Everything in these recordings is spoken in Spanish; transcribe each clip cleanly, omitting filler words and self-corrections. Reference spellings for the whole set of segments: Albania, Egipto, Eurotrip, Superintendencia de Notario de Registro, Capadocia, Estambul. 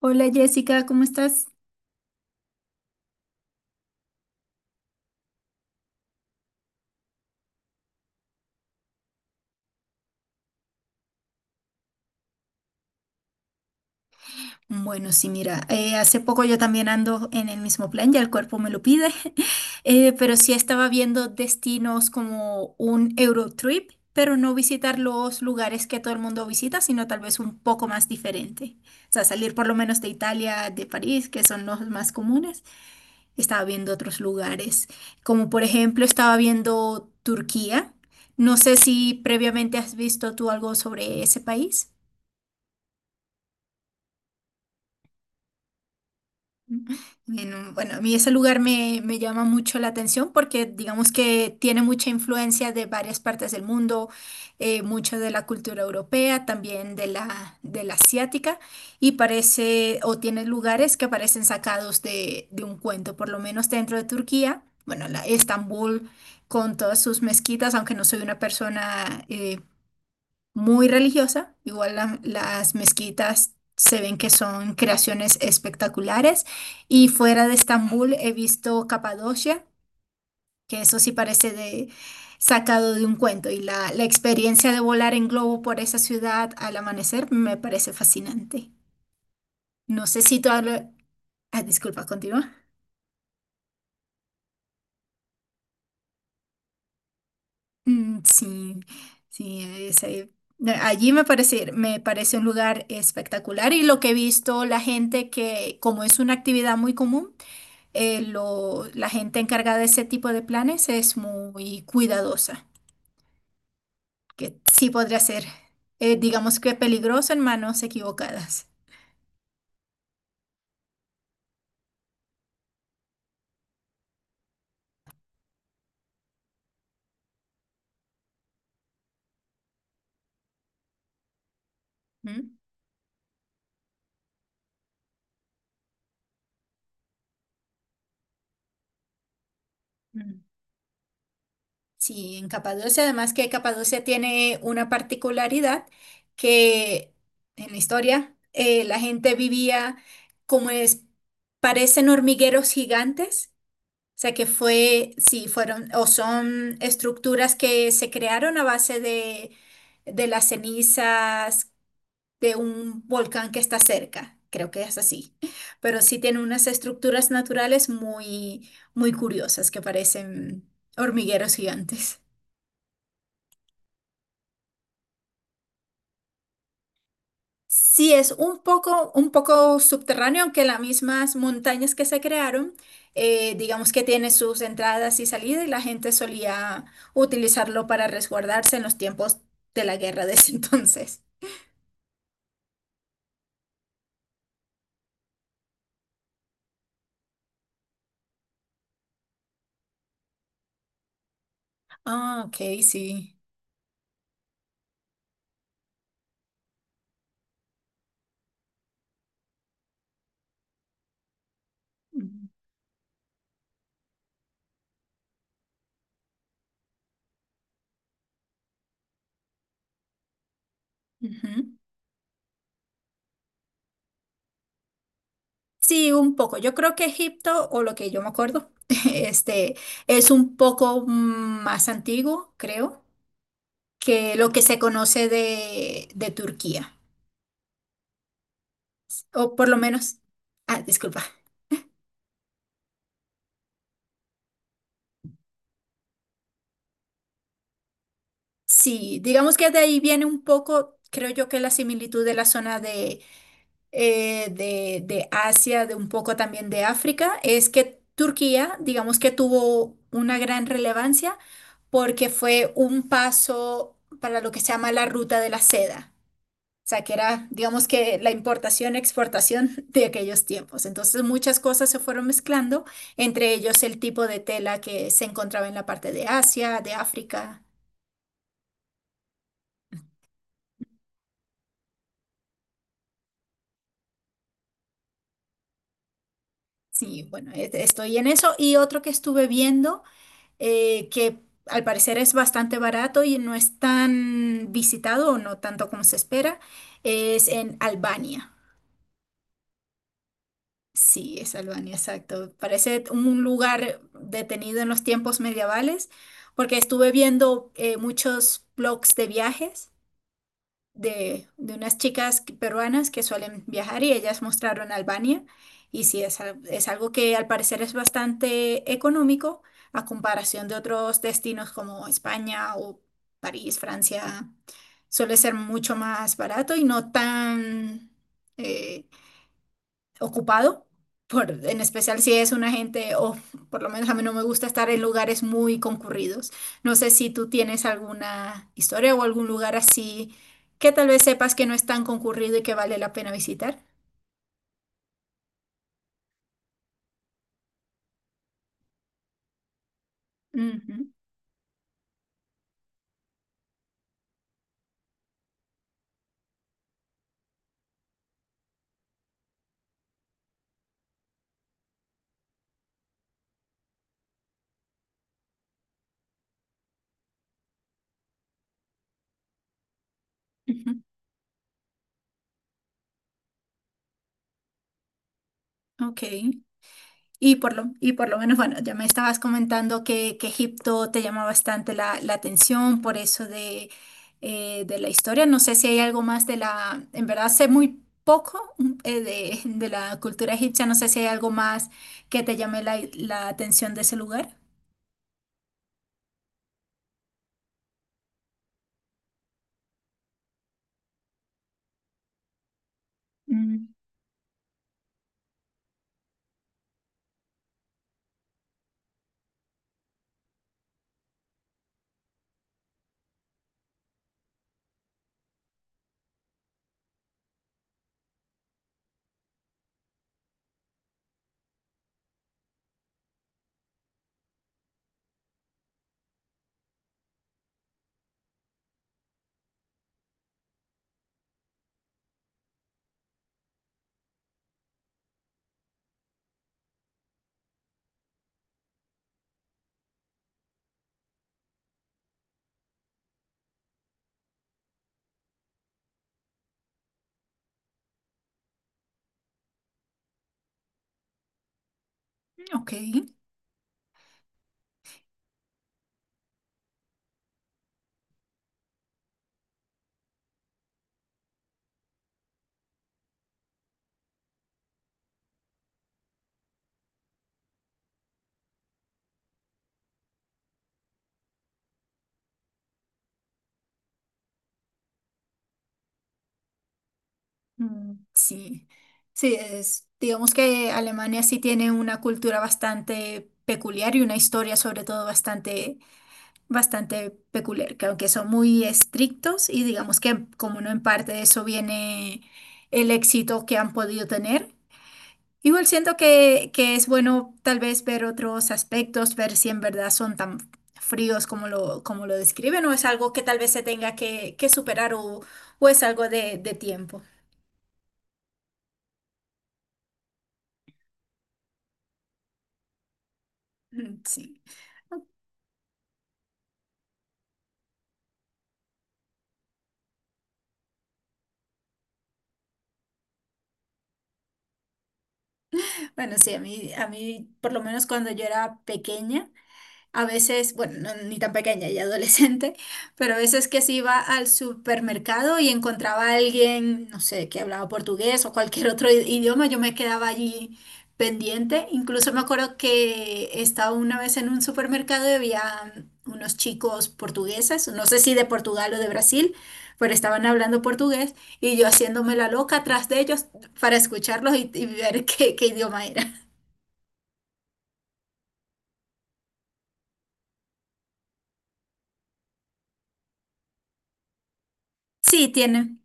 Hola Jessica, ¿cómo estás? Bueno, sí, mira, hace poco yo también ando en el mismo plan, ya el cuerpo me lo pide, pero sí estaba viendo destinos como un Eurotrip, pero no visitar los lugares que todo el mundo visita, sino tal vez un poco más diferente. O sea, salir por lo menos de Italia, de París, que son los más comunes. Estaba viendo otros lugares, como por ejemplo estaba viendo Turquía. No sé si previamente has visto tú algo sobre ese país. Bueno, a mí ese lugar me llama mucho la atención porque digamos que tiene mucha influencia de varias partes del mundo, mucho de la cultura europea, también de la asiática, y parece, o tiene lugares que parecen sacados de un cuento, por lo menos dentro de Turquía, bueno, la Estambul con todas sus mezquitas, aunque no soy una persona muy religiosa. Igual las mezquitas se ven que son creaciones espectaculares. Y fuera de Estambul he visto Capadocia, que eso sí parece de, sacado de un cuento. Y la experiencia de volar en globo por esa ciudad al amanecer me parece fascinante. No sé si tú ah, disculpa, continúa. Mm, sí, sí, es, allí me parece un lugar espectacular y lo que he visto, la gente que, como es una actividad muy común, la gente encargada de ese tipo de planes es muy cuidadosa, que sí podría ser, digamos que peligroso en manos equivocadas. ¿Mm? Sí, en Capadocia, además que Capadocia tiene una particularidad que en la historia la gente vivía como es, parecen hormigueros gigantes, o sea que fue, sí, fueron o son estructuras que se crearon a base de las cenizas de un volcán que está cerca, creo que es así, pero sí tiene unas estructuras naturales muy, muy curiosas que parecen hormigueros gigantes. Sí, es un poco subterráneo, aunque las mismas montañas que se crearon, digamos que tiene sus entradas y salidas y la gente solía utilizarlo para resguardarse en los tiempos de la guerra de ese entonces. Ah, ok, sí. Mm, ujú. Sí, un poco. Yo creo que Egipto, o lo que yo me acuerdo, este, es un poco más antiguo, creo, que lo que se conoce de Turquía, o por lo menos, ah, disculpa. Sí, digamos que de ahí viene un poco, creo yo que la similitud de la zona de, de Asia, de un poco también de África, es que Turquía, digamos que tuvo una gran relevancia porque fue un paso para lo que se llama la ruta de la seda. O sea, que era, digamos que la importación, exportación de aquellos tiempos. Entonces muchas cosas se fueron mezclando, entre ellos el tipo de tela que se encontraba en la parte de Asia, de África. Sí, bueno, estoy en eso. Y otro que estuve viendo, que al parecer es bastante barato y no es tan visitado o no tanto como se espera, es en Albania. Sí, es Albania, exacto. Parece un lugar detenido en los tiempos medievales, porque estuve viendo muchos blogs de viajes. De unas peruanas que suelen viajar y ellas mostraron Albania. Y sí, es algo que al parecer es bastante económico a comparación de otros destinos como España o París, Francia. Suele ser mucho más barato y no tan, eh, ocupado, por, en especial si es una gente, o por lo menos a mí no me gusta estar en lugares muy concurridos. No sé si tú tienes alguna historia o algún lugar así que tal vez sepas que no es tan concurrido y que vale la pena visitar. Ujú, ujú, ok. Y por lo menos, bueno, ya me estabas comentando que Egipto te llama bastante la atención por eso de la historia. No sé si hay algo más de la, en verdad sé muy poco mm, de la cultura egipcia, no sé si hay algo más que te llame la atención de ese lugar. Mm, ok, mm, sí, sí, es, digamos que Alemania sí tiene una cultura bastante peculiar y una historia sobre todo bastante bastante peculiar, que aunque son muy estrictos y digamos que como no en parte de eso viene el éxito que han podido tener, igual siento que es bueno tal vez ver otros aspectos, ver si en verdad son tan fríos como lo describen o es algo que tal vez se tenga que superar o es algo de tiempo. Mm, sí, bueno, sí, a mí, por lo menos cuando yo era pequeña, a veces, bueno, ni tan pequeña y adolescente, pero a veces que sí iba al supermercado y encontraba a alguien, no sé, que hablaba portugués o cualquier otro idioma, yo me quedaba allí pendiente. Incluso me acuerdo que estaba una vez en un supermercado y había mm, unos chicos portugueses, no sé si de Portugal o de Brasil, pero estaban hablando portugués y yo haciéndome la loca atrás de ellos para escucharlos y ver qué, qué idioma era. Sí, tienen.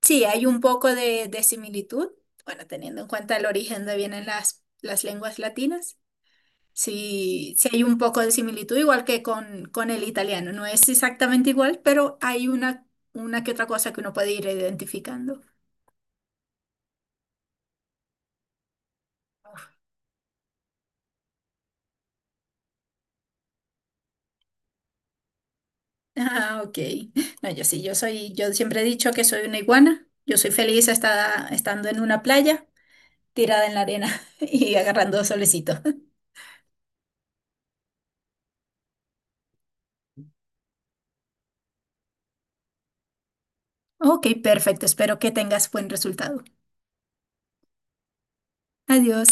Sí, hay un poco de similitud, bueno, teniendo en cuenta el origen de vienen las lenguas latinas. Sí, sí hay un poco de similitud, igual que con el italiano. No es exactamente igual, pero hay una que otra cosa que uno puede ir identificando. Ah, ok. No, yo sí, yo soy, yo siempre he dicho que soy una iguana. Yo soy feliz estando en una playa, tirada en la arena y agarrando solecito. Ok, perfecto. Espero que tengas buen resultado. Adiós.